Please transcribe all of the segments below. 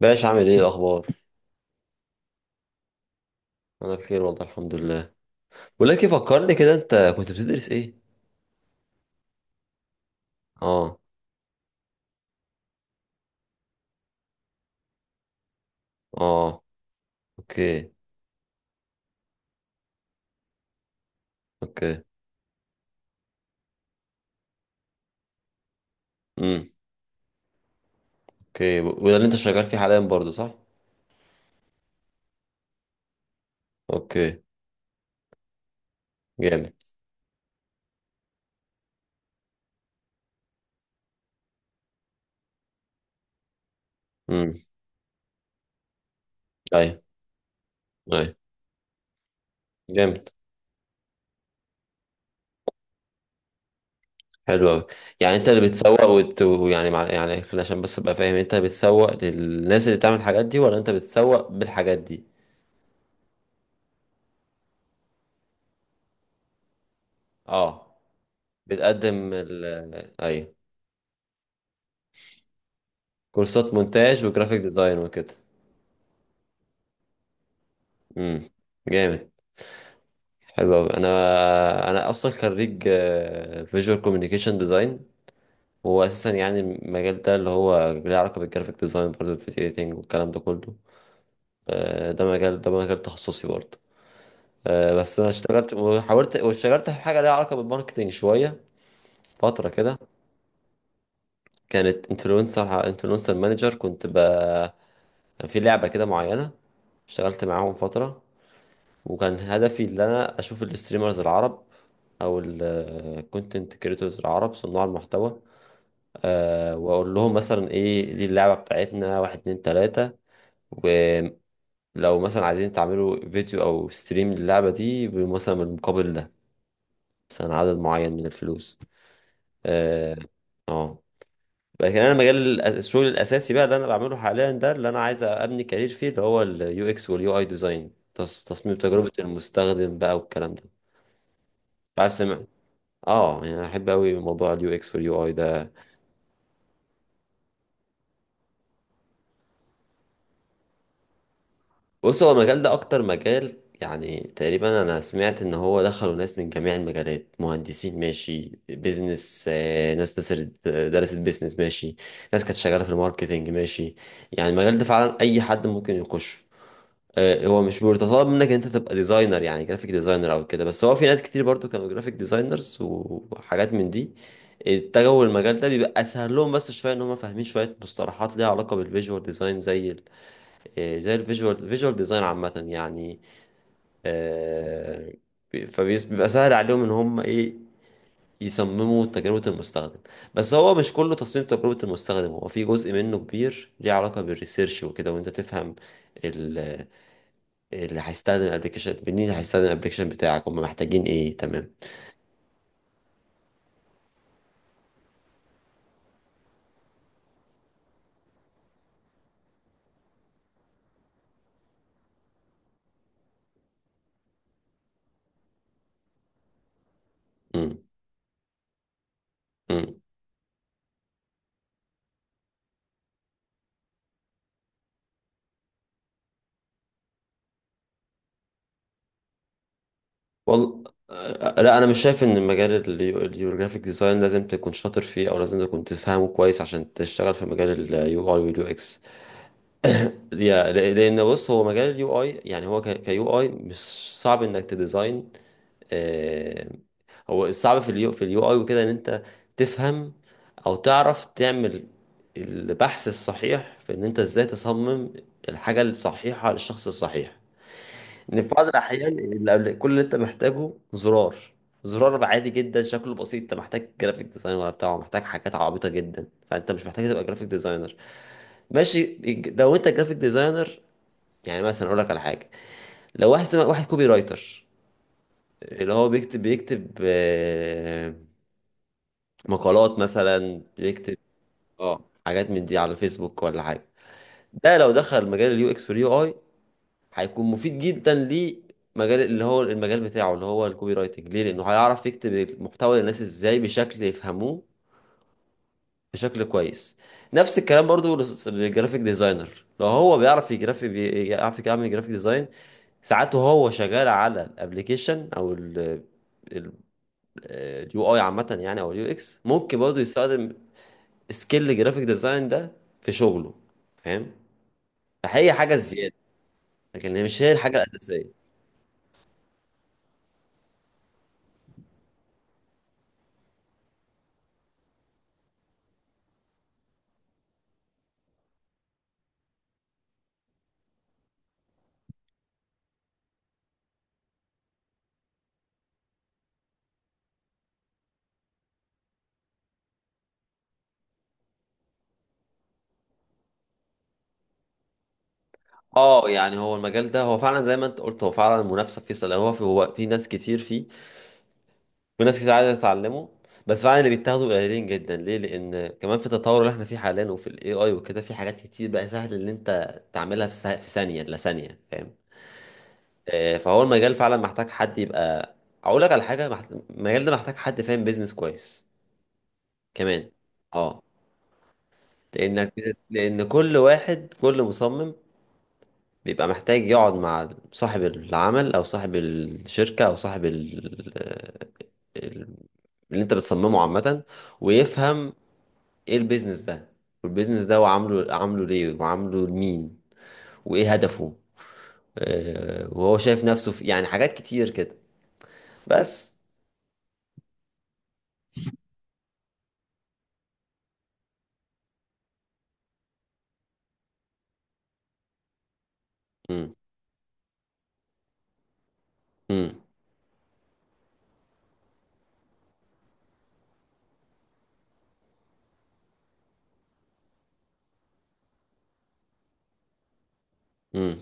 باش عامل ايه الاخبار؟ انا بخير والله الحمد لله. بقول لك إيه، فكرني كده انت كنت بتدرس ايه؟ اه. اه. اوكي. اوكي. امم. اوكي، وده اللي انت شغال فيه حاليا برضه صح؟ اوكي جامد. امم. ايوه، ايوه. جامد. حلو قوي. يعني انت اللي بتسوق وت... يعني مع... يعني خلينا عشان بس ابقى فاهم، انت بتسوق للناس اللي بتعمل الحاجات دي ولا انت بتسوق بالحاجات دي؟ اه. بتقدم ال... ايوه. كورسات مونتاج وجرافيك ديزاين وكده. امم. جامد. حلو أوي. أنا أصلا خريج فيجوال كوميونيكيشن ديزاين. وهو أساسا يعني المجال ده اللي هو ليه علاقة بالجرافيك ديزاين برضه الفيديو إيديتنج والكلام ده كله. ده مجال تخصصي برضه. بس أنا اشتغلت وحاولت واشتغلت في حاجة ليها علاقة بالماركتينج شوية، فترة كده. كانت انفلونسر، مانجر، كنت ب... كان في لعبة كده معينة، اشتغلت معاهم فترة، وكان هدفي ان انا اشوف الستريمرز العرب او الكونتنت كريتورز العرب، صناع المحتوى. أه، واقول لهم مثلا ايه دي اللعبة بتاعتنا، واحد اتنين تلاتة، ولو مثلا عايزين تعملوا فيديو او ستريم للعبة دي، مثلا بالمقابل ده، مثلا عدد معين من الفلوس. اه. آه. لكن انا مجال الشغل الاساسي بقى اللي انا بعمله حاليا ده اللي انا عايز ابني كارير فيه، اللي هو اليو اكس واليو اي ديزاين، تصميم تجربة المستخدم بقى والكلام ده. عارف سمع. اه، يعني انا احب قوي موضوع اليو اكس واليو اي ده. بص، هو المجال ده اكتر مجال، يعني تقريبا انا سمعت ان هو دخلوا ناس من جميع المجالات، مهندسين ماشي، بيزنس، ناس درست بيزنس ماشي، ناس كانت شغاله في الماركتينج ماشي. يعني المجال ده فعلا اي حد ممكن يخش. هو مش بيتطلب منك ان انت تبقى ديزاينر، يعني جرافيك ديزاينر او كده، بس هو في ناس كتير برضو كانوا جرافيك ديزاينرز وحاجات من دي اتجهوا المجال ده، بيبقى اسهل لهم بس شويه ان هم فاهمين شويه مصطلحات ليها علاقه بالفيجوال ديزاين زي ال... زي الفيجوال ديزاين عامه يعني. آه، بيبقى سهل عليهم ان هم ايه، يصمموا تجربة المستخدم. بس هو مش كله تصميم تجربة المستخدم، هو في جزء منه كبير ليه علاقة بالريسيرش وكده، وانت تفهم اللي هيستخدم الابلكيشن منين، هيستخدم الابلكيشن بتاعك، هم محتاجين ايه. تمام. امم. امم. والله، لا، انا مش شايف ان مجال اليوروجرافيك ديزاين لازم تكون شاطر فيه او لازم تكون تفهمه كويس عشان تشتغل في مجال اليو اي واليو اكس. لان بص، هو مجال اليو اي، يعني هو كيو اي، مش صعب انك تديزاين. آه، هو الصعب في اليو، في اليو اي وكده، ان انت تفهم او تعرف تعمل البحث الصحيح، في ان انت ازاي تصمم الحاجة الصحيحة للشخص الصحيح. ان في بعض الاحيان اللي قبل كل اللي انت محتاجه زرار، عادي جدا شكله بسيط، انت محتاج جرافيك ديزاينر بتاعه محتاج حاجات عبيطة جدا، فانت مش محتاج تبقى جرافيك ديزاينر ماشي. لو انت جرافيك ديزاينر، يعني مثلا اقول لك على حاجة، لو واحد كوبي رايتر، اللي هو بيكتب، مقالات مثلا، بيكتب اه حاجات من دي على فيسبوك ولا حاجه، ده لو دخل مجال اليو اكس واليو اي، هيكون مفيد جدا لمجال اللي هو المجال بتاعه اللي هو الكوبي رايتنج، ليه؟ لانه هيعرف يكتب المحتوى للناس ازاي بشكل يفهموه، بشكل كويس. نفس الكلام برضو للجرافيك ديزاينر، لو هو بيعرف يجرافي بيعرف يعمل جرافيك ديزاين ساعات وهو شغال على الابليكيشن او اليو اي عامة يعني او اليو اكس، ممكن برضه يستخدم سكيل جرافيك ديزاين ده في شغله، فاهم؟ فهي حاجة زيادة، لكن هي مش هي الحاجة الأساسية. اه، يعني هو المجال ده هو فعلا زي ما انت قلت، هو فعلا المنافسة فيه سلبية، هو في، ناس كتير فيه وناس كتير عايزة تتعلمه، بس فعلا اللي بيتاخدوا قليلين جدا. ليه؟ لأن كمان في التطور اللي احنا فيه حاليا وفي الاي اي وكده، في حاجات كتير بقى سهل ان انت تعملها في في ثانية، لا ثانية، فاهم؟ فهو المجال فعلا محتاج حد يبقى، اقول لك على حاجه، المجال ده محتاج حد فاهم بيزنس كويس كمان. اه، لانك، لان كل واحد، كل مصمم بيبقى محتاج يقعد مع صاحب العمل او صاحب الشركه او صاحب ال... ال- اللي انت بتصممه عامه، ويفهم ايه البيزنس ده، والبيزنس ده هو عامله، ليه وعامله لمين وايه هدفه، وهو شايف نفسه في، يعني حاجات كتير كده. بس. مم. مم. امم.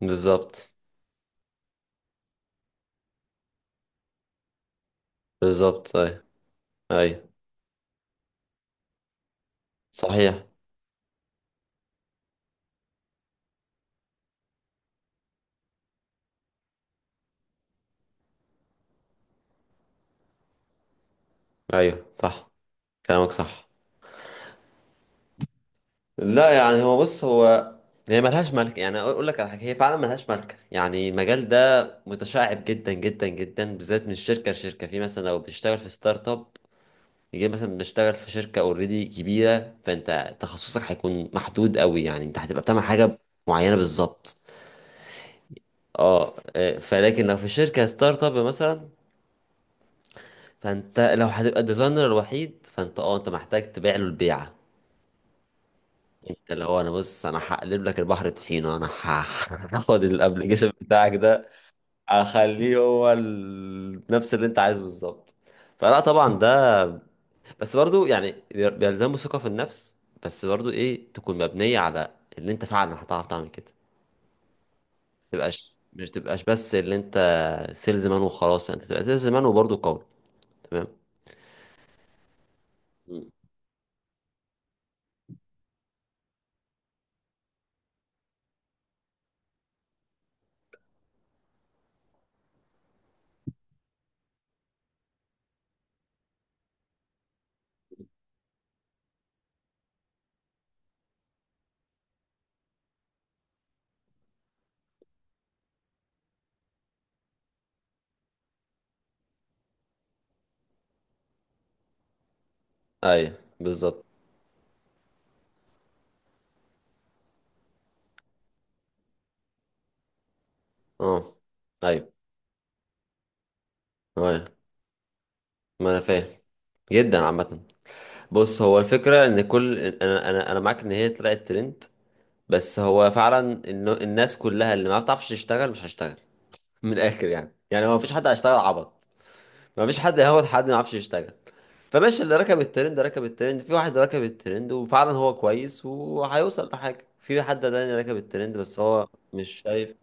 بالظبط. بالظبط، ايوه. ايوه، صحيح. ايوه، صح، كلامك صح. لا يعني هو، بص هو، هي ملهاش ملك يعني، اقول لك على حاجه، هي فعلا ملهاش ملك، يعني المجال ده متشعب جدا جدا جدا، بالذات من شركه لشركه، في مثلا لو بتشتغل في ستارت اب، يجي مثلا بتشتغل في شركه اوريدي كبيره، فانت تخصصك هيكون محدود قوي، يعني انت هتبقى بتعمل حاجه معينه بالظبط. اه، فلكن لو في شركه ستارت اب مثلا، فانت لو هتبقى الديزاينر الوحيد، فانت اه انت محتاج تبيع له البيعه، انت اللي هو انا، بص انا هقلب لك البحر طحينه، انا هاخد الابلكيشن بتاعك ده، اخليه هو ال... نفس اللي انت عايزه بالظبط. فلا طبعا ده، بس برضو يعني بيلزمه ثقه في النفس، بس برضو ايه، تكون مبنيه على اللي انت فعلا هتعرف تعمل كده، تبقاش، مش تبقاش بس اللي انت سيلز مان وخلاص، انت تبقى سيلز مان وبرضو قوي. تمام. م. ايوه. بالظبط. اه. ايوه. اه، ما انا فاهم جدا عامة. بص، هو الفكرة ان كل انا معاك ان هي طلعت ترند، بس هو فعلا إن الناس كلها اللي ما بتعرفش تشتغل مش هشتغل. من الاخر يعني، يعني ما فيش حد هيشتغل عبط، ما فيش حد هياخد حد ما يعرفش يشتغل. فماشي، اللي ركب الترند ركب الترند، في واحد ركب الترند وفعلا هو كويس وهيوصل لحاجة، في حد تاني ركب الترند بس هو مش شايف.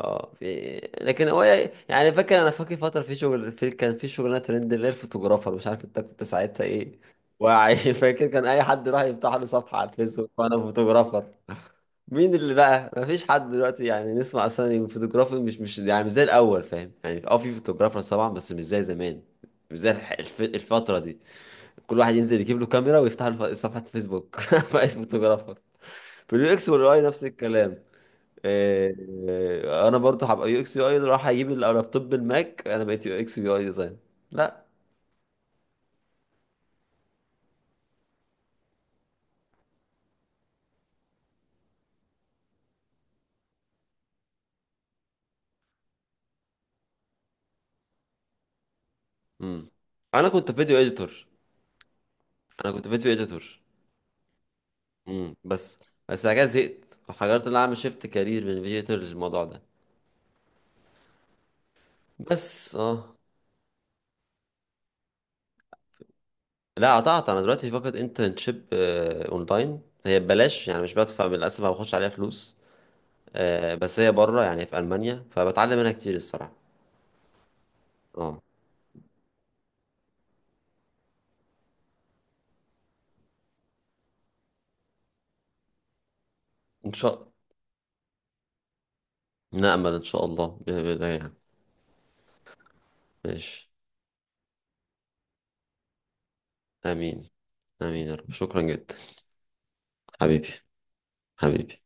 اه، في، لكن هو، يعني فاكر، انا فاكر فتره في شغل، في كان في شغلانه ترند اللي هي الفوتوغرافر، مش عارف انت كنت ساعتها ايه واعي. فاكر كان اي حد يروح يفتح له صفحه على الفيسبوك وانا فوتوغرافر، مين اللي بقى؟ مفيش حد دلوقتي يعني، نسمع اصلا إن الفوتوغرافر مش يعني مش زي الاول، فاهم يعني؟ اه، في فوتوغرافر طبعا بس مش زي زمان، مش زي الفتره دي، كل واحد ينزل يجيب له كاميرا ويفتح له صفحه فيسبوك بقى فوتوغرافر. في اليو اكس والاي نفس الكلام. آه، انا برضه هبقى يو اكس يو اي، راح اجيب اللابتوب بالماك، انا بقيت يو اكس يو اي ديزاين، لا. امم. انا كنت فيديو اديتور انا كنت فيديو اديتور. امم. بس بعد كده زهقت وحاولت ان انا اعمل شيفت كارير من فيديو اديتور للموضوع ده. بس اه، لا قطعت، انا دلوقتي فقط انترنشيب اونلاين، هي ببلاش يعني مش بدفع، للاسف ما باخدش عليها فلوس. بس هي بره يعني في المانيا، فبتعلم منها كتير الصراحه. اه. ان شاء، نأمل ان شاء الله بإذن الله يعني. ماشي. امين. امين يا رب، شكرا جدا. حبيبي. حبيبي.